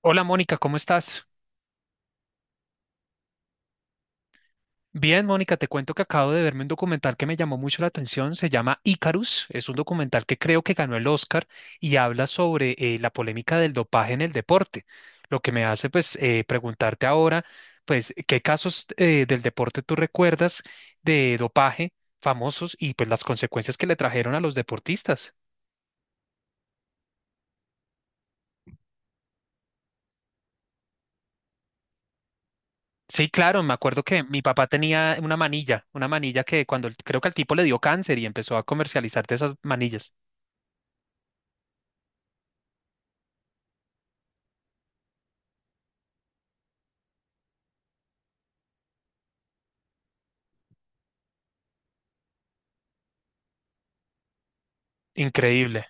Hola Mónica, ¿cómo estás? Bien, Mónica, te cuento que acabo de verme un documental que me llamó mucho la atención, se llama Icarus, es un documental que creo que ganó el Oscar y habla sobre la polémica del dopaje en el deporte, lo que me hace pues preguntarte ahora, pues, ¿qué casos del deporte tú recuerdas de dopaje famosos y pues las consecuencias que le trajeron a los deportistas? Sí, claro, me acuerdo que mi papá tenía una manilla que cuando creo que al tipo le dio cáncer y empezó a comercializar de esas manillas. Increíble.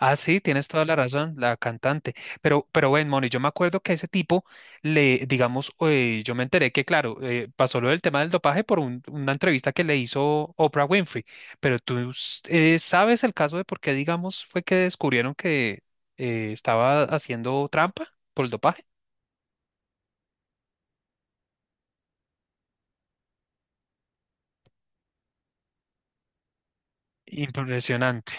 Ah, sí, tienes toda la razón, la cantante. Pero bueno, Moni, yo me acuerdo que ese tipo le, digamos, yo me enteré que, claro, pasó lo del tema del dopaje por una entrevista que le hizo Oprah Winfrey. Pero tú sabes el caso de por qué, digamos, fue que descubrieron que estaba haciendo trampa por el dopaje. Impresionante.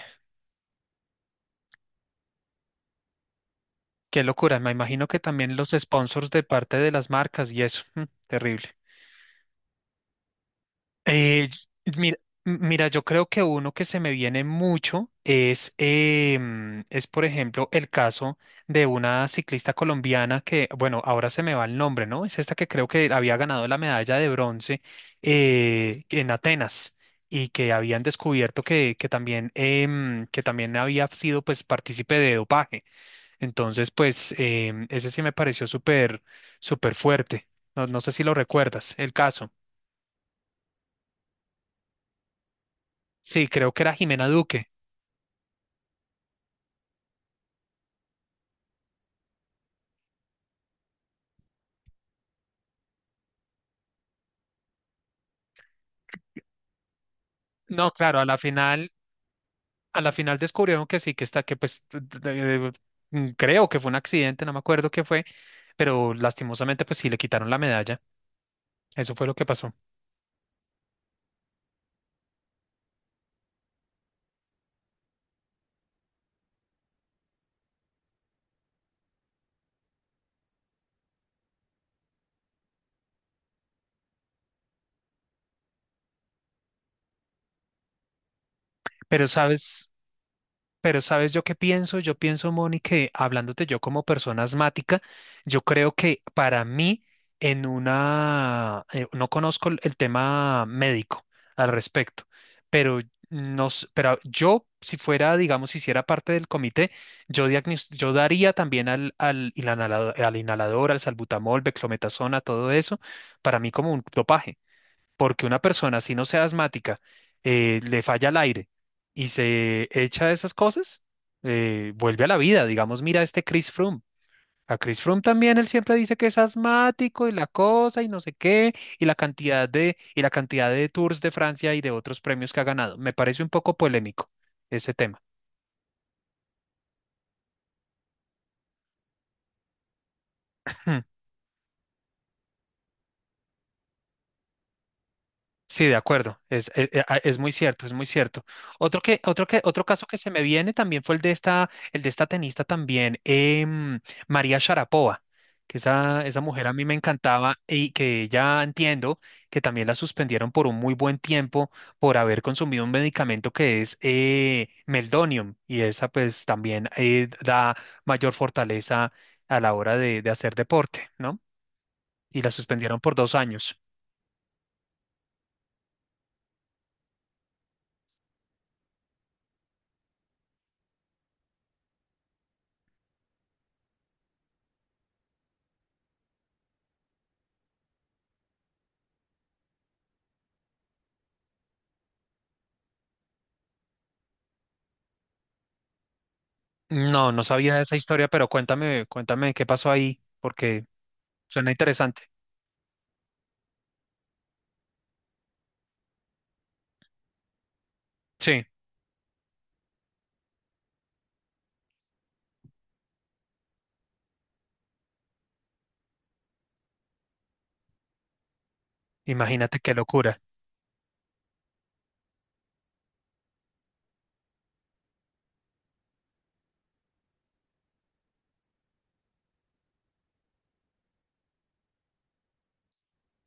Qué locura. Me imagino que también los sponsors de parte de las marcas y eso. Terrible. Eh, mira, mira, yo creo que uno que se me viene mucho es, es, por ejemplo, el caso de una ciclista colombiana que, bueno, ahora se me va el nombre, ¿no? Es esta que creo que había ganado la medalla de bronce en Atenas y que habían descubierto que también, que también había sido, pues, partícipe de dopaje. Entonces, pues, ese sí me pareció súper fuerte. No, no sé si lo recuerdas, el caso. Sí, creo que era Jimena Duque. No, claro, a la final descubrieron que sí, que está, que pues eh, creo que fue un accidente, no me acuerdo qué fue, pero lastimosamente pues sí le quitaron la medalla. Eso fue lo que pasó. Pero sabes, Pero ¿sabes yo qué pienso? Yo pienso, Moni, que hablándote yo como persona asmática, yo creo que para mí, en una, no conozco el tema médico al respecto, pero, pero yo, si fuera, digamos, si hiciera parte del comité, yo, yo daría también al inhalador, al salbutamol, beclometasona, todo eso, para mí como un dopaje porque una persona, si no sea asmática, le falla el aire y se echa esas cosas, vuelve a la vida. Digamos, mira este Chris Froome. A Chris Froome también él siempre dice que es asmático y la cosa y no sé qué, y la cantidad de Tours de Francia y de otros premios que ha ganado. Me parece un poco polémico ese tema. Sí, de acuerdo, es, es muy cierto, es muy cierto. Otro caso que se me viene también fue el de esta tenista también, María Sharapova, que esa mujer a mí me encantaba y que ya entiendo que también la suspendieron por un muy buen tiempo por haber consumido un medicamento que es Meldonium y esa pues también da mayor fortaleza a la hora de hacer deporte, ¿no? Y la suspendieron por 2 años. No, no sabía de esa historia, pero cuéntame, cuéntame qué pasó ahí, porque suena interesante. Sí, imagínate qué locura.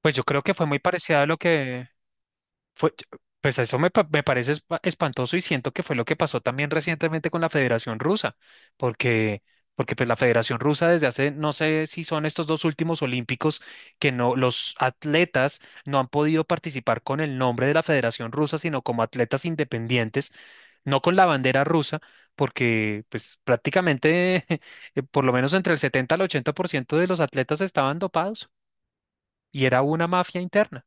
Pues yo creo que fue muy parecida a lo que, fue, pues eso me, me parece espantoso y siento que fue lo que pasó también recientemente con la Federación Rusa, porque, porque pues la Federación Rusa desde hace, no sé si son estos dos últimos olímpicos, que no, los atletas no han podido participar con el nombre de la Federación Rusa, sino como atletas independientes, no con la bandera rusa, porque pues prácticamente, por lo menos entre el 70 al 80% de los atletas estaban dopados y era una mafia interna.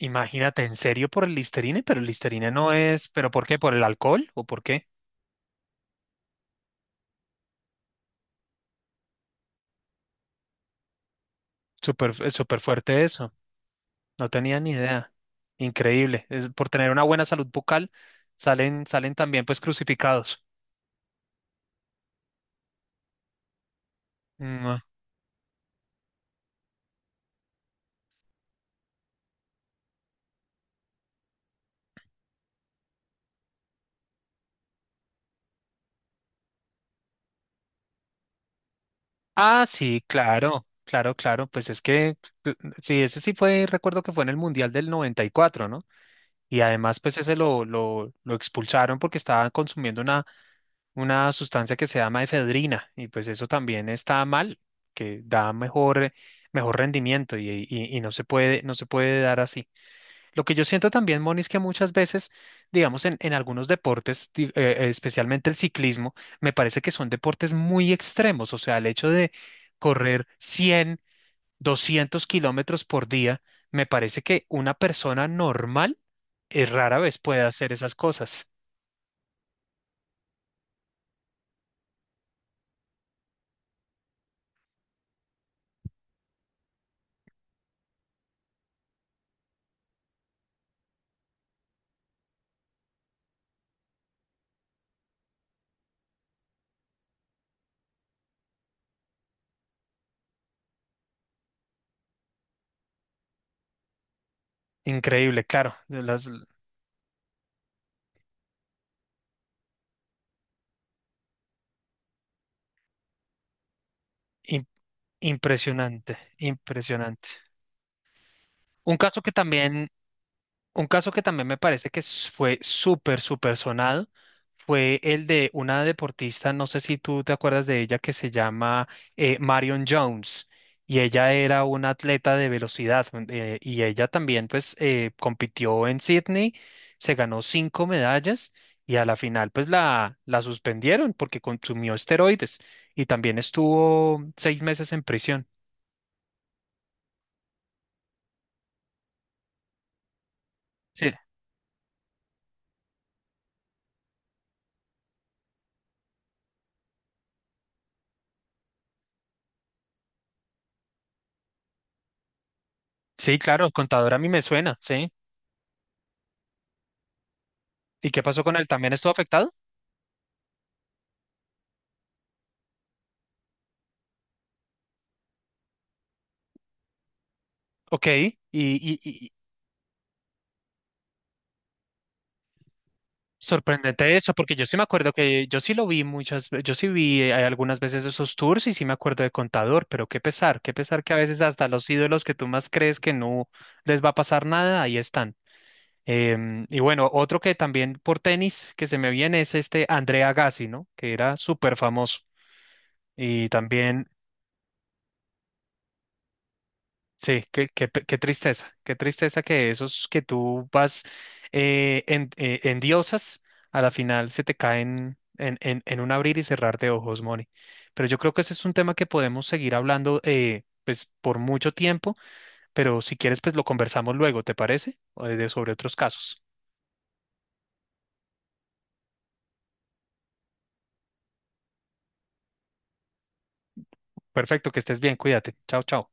Imagínate, en serio por el Listerine, pero el Listerine no es, ¿pero por qué? ¿Por el alcohol o por qué? Súper, súper fuerte eso. No tenía ni idea. Increíble. Es por tener una buena salud bucal, salen también pues crucificados. Mm. Ah, sí, claro, claro, claro. Pues es que, sí, ese sí fue, recuerdo que fue en el Mundial del 94, ¿no? Y además, pues ese lo expulsaron porque estaba consumiendo una sustancia que se llama efedrina y pues eso también está mal, que da mejor, mejor rendimiento y no se puede, no se puede dar así. Lo que yo siento también, Moni, es que muchas veces, digamos, en algunos deportes, especialmente el ciclismo, me parece que son deportes muy extremos, o sea, el hecho de correr 100 200 kilómetros por día, me parece que una persona normal rara vez puede hacer esas cosas. Increíble, claro. De las, impresionante, impresionante. Un caso que también, un caso que también me parece que fue súper, súper sonado fue el de una deportista, no sé si tú te acuerdas de ella, que se llama Marion Jones. Y ella era una atleta de velocidad y ella también pues compitió en Sydney, se ganó 5 medallas y a la final pues la suspendieron porque consumió esteroides y también estuvo 6 meses en prisión. Sí. Sí, claro, contador a mí me suena, ¿sí? ¿Y qué pasó con él? ¿También estuvo afectado? Ok, sorprendente eso, porque yo sí me acuerdo que yo sí lo vi muchas veces, yo sí vi algunas veces esos tours y sí me acuerdo de contador, pero qué pesar que a veces hasta los ídolos que tú más crees que no les va a pasar nada, ahí están. Y bueno, otro que también por tenis que se me viene es este Andrea Gassi, ¿no? Que era súper famoso. Y también sí, qué, qué tristeza que esos que tú vas en diosas, a la final se te caen en un abrir y cerrar de ojos, Moni. Pero yo creo que ese es un tema que podemos seguir hablando pues, por mucho tiempo, pero si quieres, pues lo conversamos luego, ¿te parece? O de, sobre otros casos. Perfecto, que estés bien, cuídate. Chao, chao.